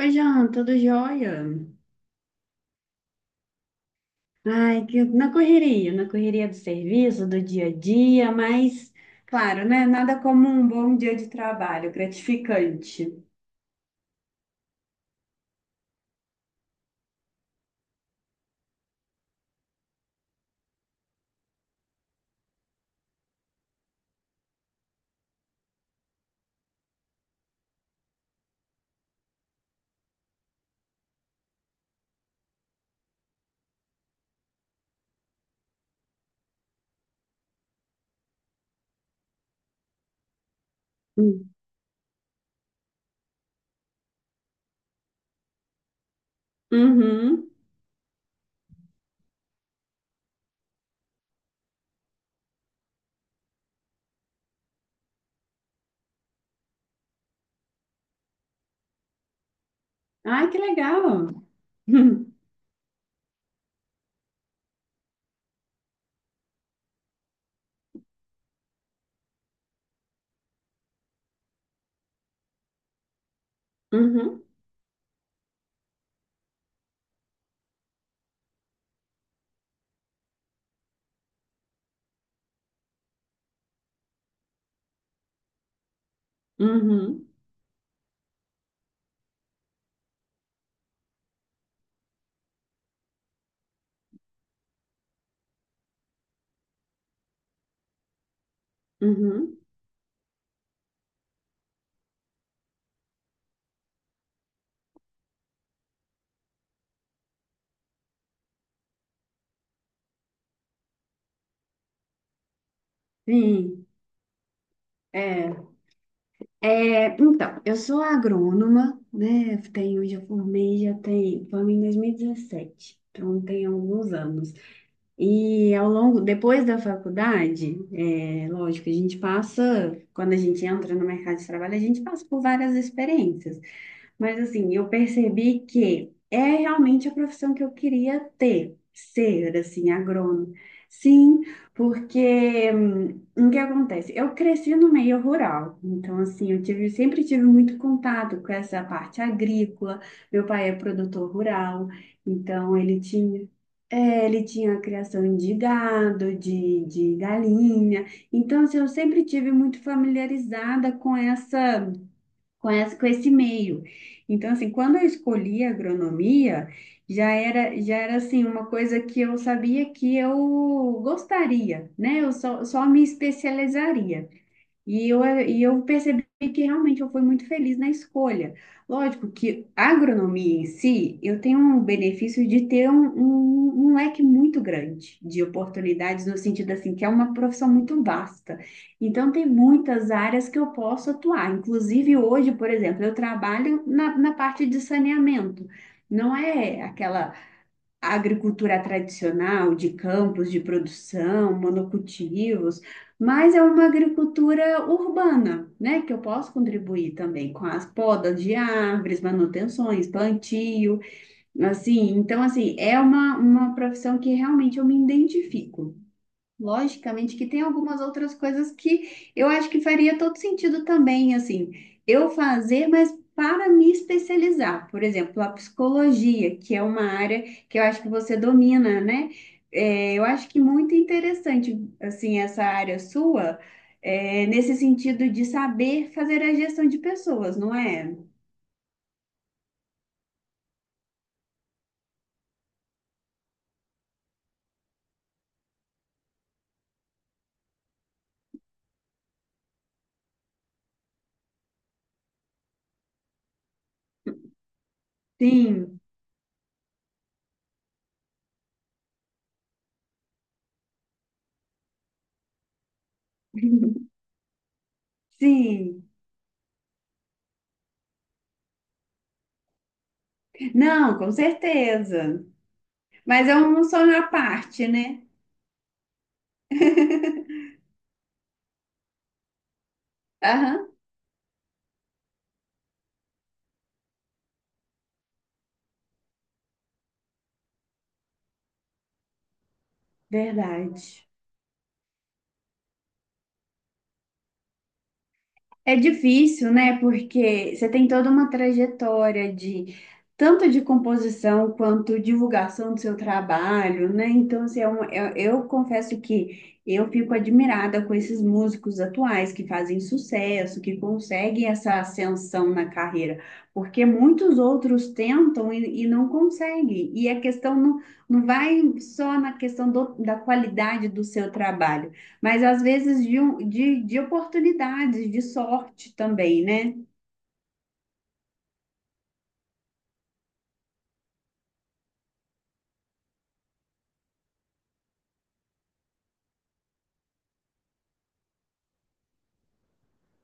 Oi, Jean, tudo jóia? Ai, que na correria, do serviço, do dia a dia, mas, claro, né? Nada como um bom dia de trabalho, gratificante. Hum. Uhum. Ai, que legal. Hum. Uhum, uhum, uhum. Sim, é. É, então, eu sou agrônoma, né? Tenho, já formei, já tem, formei em 2017, então tem alguns anos. E ao longo, depois da faculdade, é, lógico, quando a gente entra no mercado de trabalho, a gente passa por várias experiências. Mas assim, eu percebi que é realmente a profissão que eu queria ter, ser assim, agrônomo. Sim, porque o que acontece? Eu cresci no meio rural, então assim, sempre tive muito contato com essa parte agrícola. Meu pai é produtor rural, então ele tinha. É, ele tinha a criação de gado, de galinha. Então, assim, eu sempre tive muito familiarizada com essa com esse meio. Então, assim, quando eu escolhi a agronomia, já era assim, uma coisa que eu sabia que eu gostaria, né? Eu só, só me especializaria. E eu percebi que realmente eu fui muito feliz na escolha. Lógico que a agronomia em si, eu tenho um benefício de ter um leque muito grande de oportunidades, no sentido assim, que é uma profissão muito vasta. Então, tem muitas áreas que eu posso atuar. Inclusive, hoje, por exemplo, eu trabalho na parte de saneamento. Não é aquela A agricultura tradicional, de campos de produção, monocultivos, mas é uma agricultura urbana, né? Que eu posso contribuir também com as podas de árvores, manutenções, plantio, assim. Então, assim, é uma profissão que realmente eu me identifico. Logicamente que tem algumas outras coisas que eu acho que faria todo sentido também, assim, eu fazer, mas para me especializar. Por exemplo, a psicologia, que é uma área que eu acho que você domina, né? É, eu acho que muito interessante, assim, essa área sua, é, nesse sentido de saber fazer a gestão de pessoas, não é? Sim, sim. Não, com certeza. Mas é um só na parte, né? Aham, verdade. É difícil, né? Porque você tem toda uma trajetória de tanto de composição quanto divulgação do seu trabalho, né? Então, assim, eu confesso que eu fico admirada com esses músicos atuais que fazem sucesso, que conseguem essa ascensão na carreira, porque muitos outros tentam e não conseguem. E a questão não, não vai só na questão da qualidade do seu trabalho. Mas às vezes de oportunidades, de sorte também, né?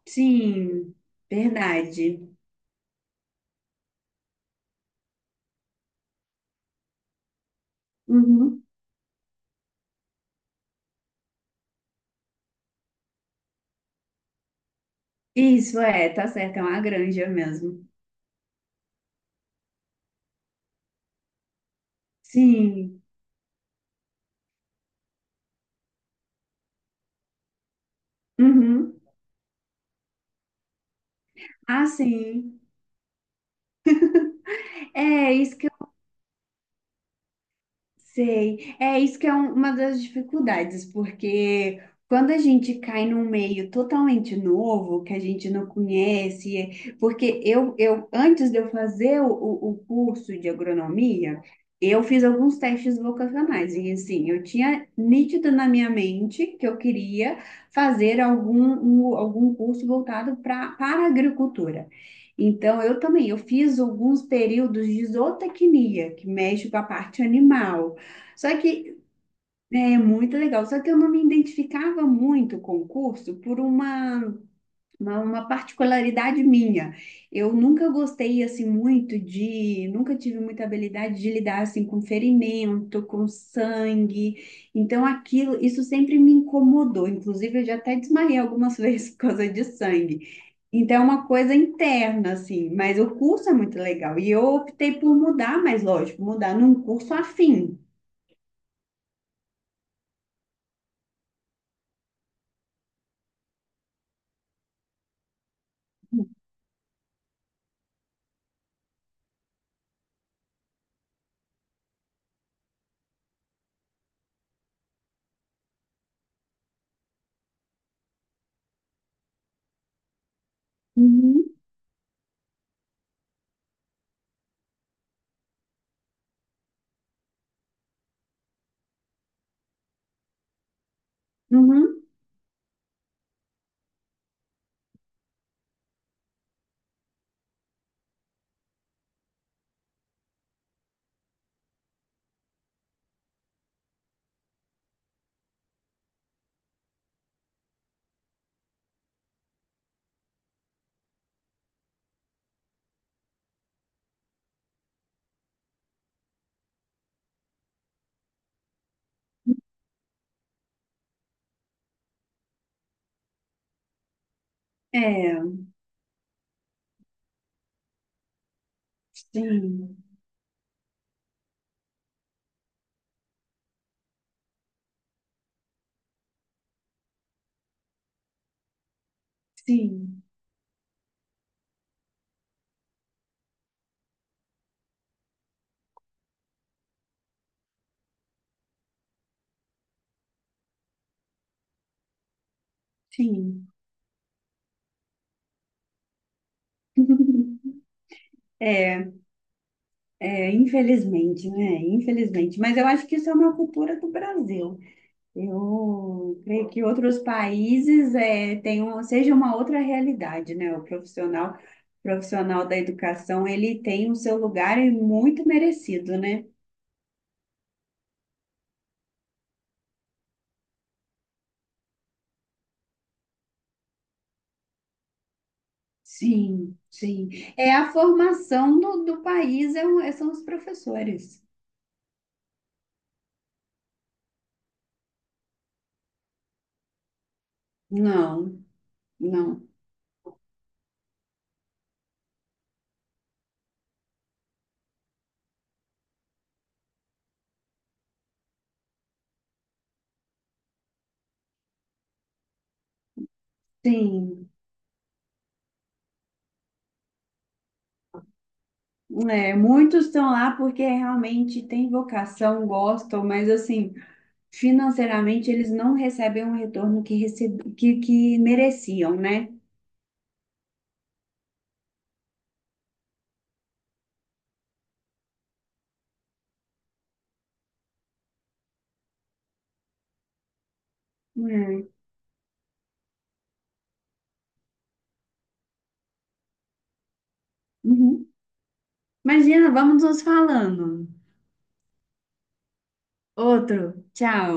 Sim, verdade. Uhum. Isso é, tá certo, é uma granja mesmo. Sim. Uhum. Ah, sim. É, isso. Sei. É isso que é uma das dificuldades, porque quando a gente cai num meio totalmente novo, que a gente não conhece, é- porque eu antes de eu fazer o curso de agronomia, eu fiz alguns testes vocacionais, e assim, eu tinha nítido na minha mente que eu queria fazer algum curso voltado para a agricultura. Então, eu também, eu fiz alguns períodos de zootecnia, que mexe com a parte animal. Só que é muito legal, só que eu não me identificava muito com o curso por uma particularidade minha. Eu nunca gostei assim muito de, nunca tive muita habilidade de lidar assim com ferimento, com sangue. Então aquilo, isso sempre me incomodou. Inclusive eu já até desmaiei algumas vezes por causa de sangue. Então é uma coisa interna assim, mas o curso é muito legal e eu optei por mudar, mas lógico, mudar num curso afim. Uhum. Uhum. É, sim, sim, sim. É, é, infelizmente, né? Infelizmente. Mas eu acho que isso é uma cultura do Brasil. Eu creio que outros países é, tenham, seja uma outra realidade, né? Profissional da educação, ele tem o seu lugar e muito merecido, né? Sim, sim. É a formação do país, é um- são os professores. Não, não. Sim. É, muitos estão lá porque realmente têm vocação, gostam, mas assim, financeiramente eles não recebem o retorno que mereciam, né? É. Uhum. Imagina, vamos nos falando. Outro, tchau.